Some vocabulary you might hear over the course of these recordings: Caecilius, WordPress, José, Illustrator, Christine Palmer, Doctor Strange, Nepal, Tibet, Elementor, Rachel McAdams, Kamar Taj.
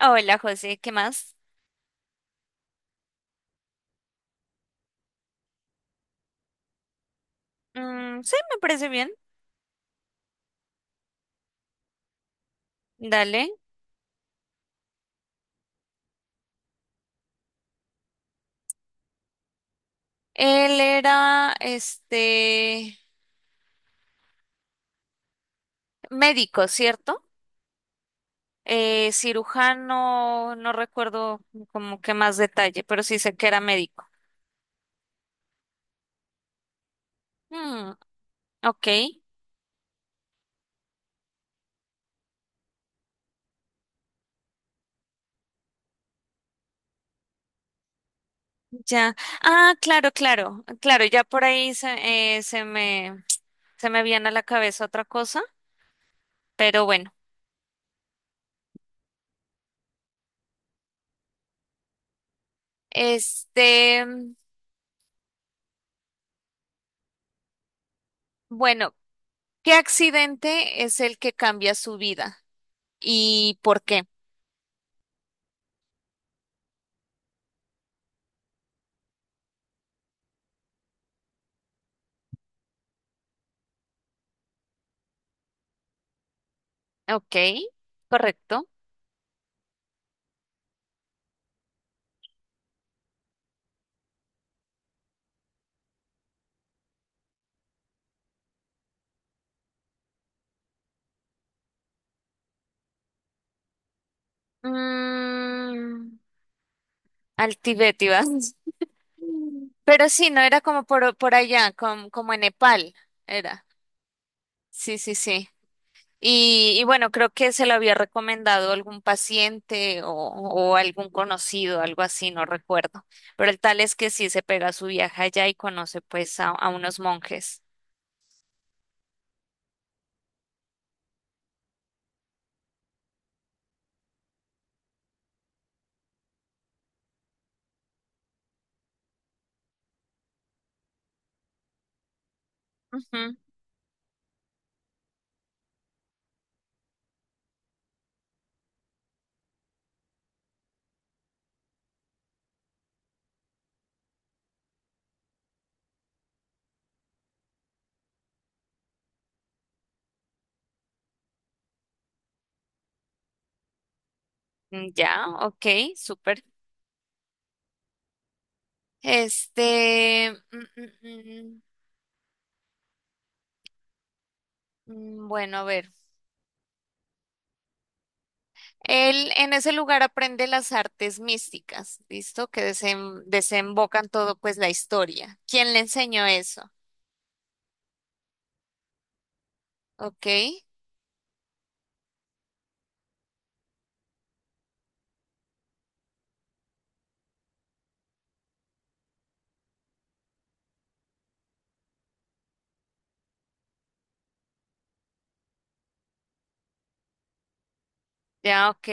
Hola, José, ¿qué más? Mm, sí, me parece bien. Dale. Él era, médico, ¿cierto? Cirujano, no recuerdo como que más detalle, pero sí sé que era médico. Mm, ok, ya. Ah, claro, claro, claro, ya por ahí se, se me viene a la cabeza otra cosa, pero bueno. Este, bueno, ¿qué accidente es el que cambia su vida y por qué? Ok, correcto. Mm, al Tibet ibas. Mm. Pero sí, no era como por allá, como en Nepal, era. Sí, sí, sí. Y bueno, creo que se lo había recomendado algún paciente o algún conocido, algo así, no recuerdo. Pero el tal es que sí se pega su viaje allá y conoce pues a unos monjes. Ujú. Mm, ya, ok, súper. Este, mm, mm, bueno, a ver. Él en ese lugar aprende las artes místicas, ¿listo? Que desembocan todo, pues, la historia. ¿Quién le enseñó eso? Ok, ya, ok.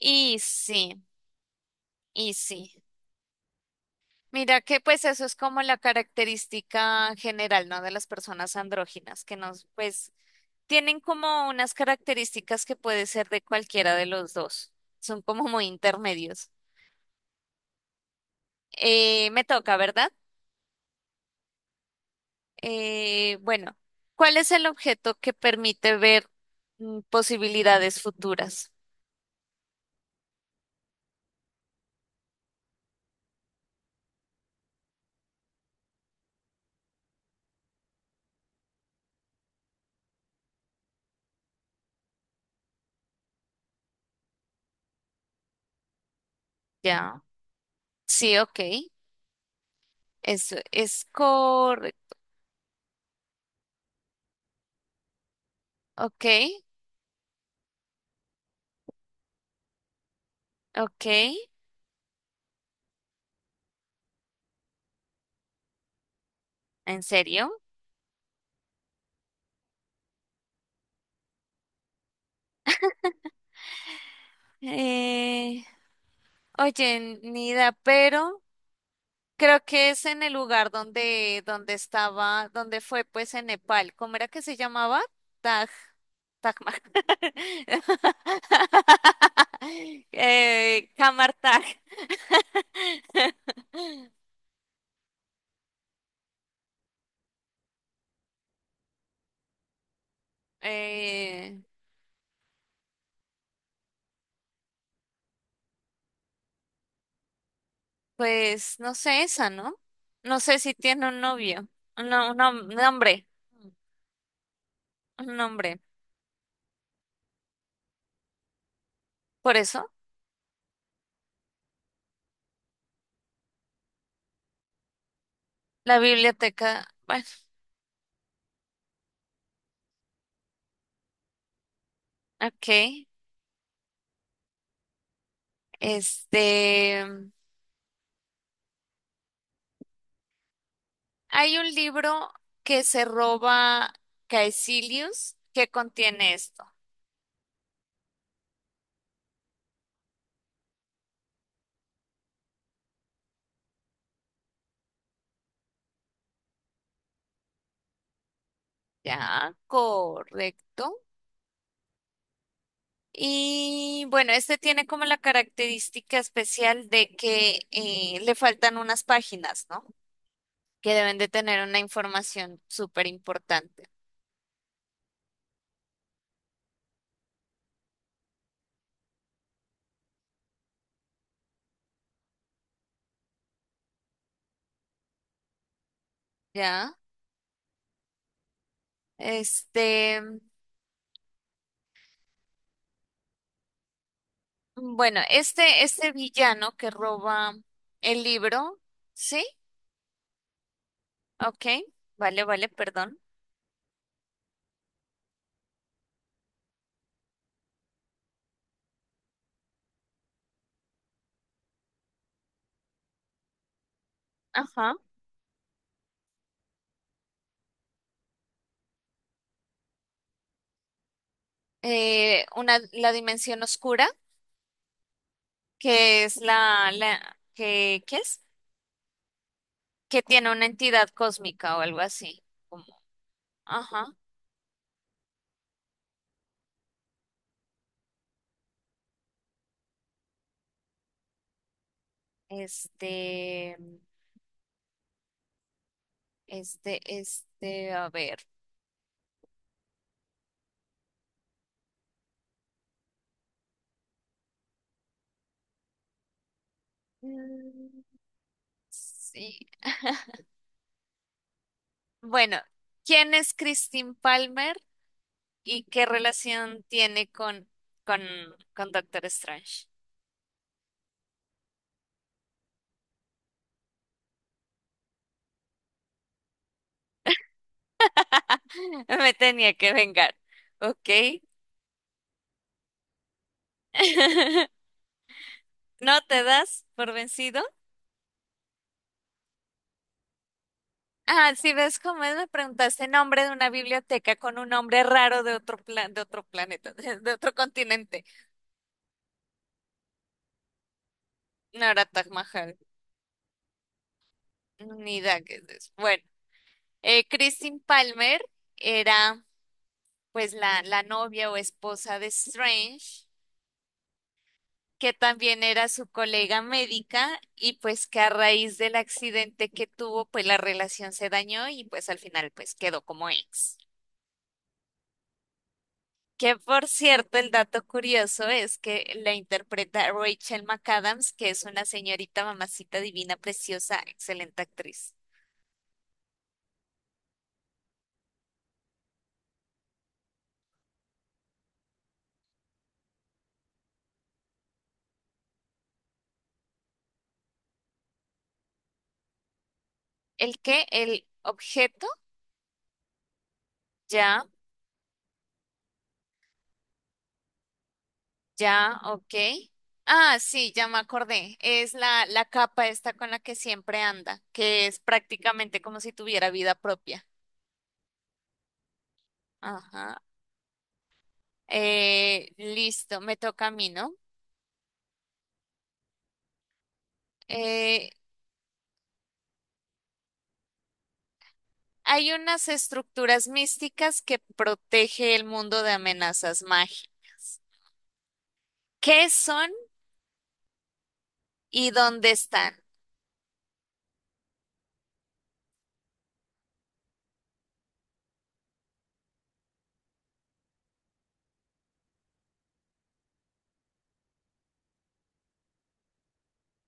Y sí, y sí. Mira que pues eso es como la característica general, ¿no? De las personas andróginas, que nos, pues, tienen como unas características que puede ser de cualquiera de los dos. Son como muy intermedios. Me toca, ¿verdad? Bueno, ¿cuál es el objeto que permite ver posibilidades futuras? Ya, sí, ok, eso es correcto. Ok, ok, ¿en serio? Eh, oye, Nida, pero creo que es en el lugar donde, donde estaba, donde fue pues en Nepal. ¿Cómo era que se llamaba? Taj, Taj Mahal. Kamar Taj. Eh, Pues no sé esa, ¿no? No sé si tiene un novio, un, un hombre, un hombre. Por eso, la biblioteca, bueno, ok. Este, Hay un libro que se roba Caecilius que contiene esto. Ya, correcto. Y bueno, este tiene como la característica especial de que le faltan unas páginas, ¿no? Que deben de tener una información súper importante. Ya, este, bueno, este villano que roba el libro, ¿sí? Ok, vale, vale, perdón. Ajá. Una, la dimensión oscura, que es ¿qué es? Que tiene una entidad cósmica o algo así. Como, ajá. Este, este, a ver. Mm, sí. Bueno, ¿quién es Christine Palmer? ¿Y qué relación tiene con, con Doctor Strange? Me tenía que vengar. Ok. ¿No te das por vencido? Ah, si ves cómo es, me preguntaste nombre de una biblioteca con un nombre raro de de otro planeta, de otro continente. No era Taj Mahal, ni Daggett. Bueno, Christine Palmer era pues la novia o esposa de Strange, que también era su colega médica y pues que a raíz del accidente que tuvo, pues la relación se dañó y pues al final pues quedó como ex. Que por cierto, el dato curioso es que la interpreta Rachel McAdams, que es una señorita mamacita divina, preciosa, excelente actriz. ¿El qué? ¿El objeto? Ya, ya, ok. Ah, sí, ya me acordé. Es la capa esta con la que siempre anda, que es prácticamente como si tuviera vida propia. Ajá. Listo, me toca a mí, ¿no? Eh, hay unas estructuras místicas que protege el mundo de amenazas mágicas. ¿Qué son y dónde están?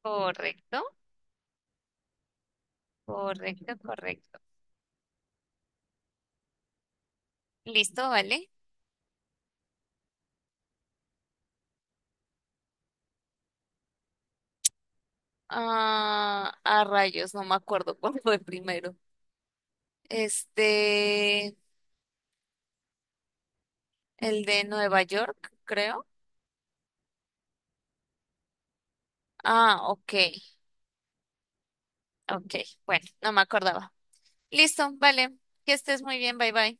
Correcto, correcto, correcto. Listo, vale. Ah, a rayos, no me acuerdo cuál fue primero. Este, el de Nueva York, creo. Ah, ok, ok. Bueno, no me acordaba. Listo, vale. Que estés muy bien, bye bye.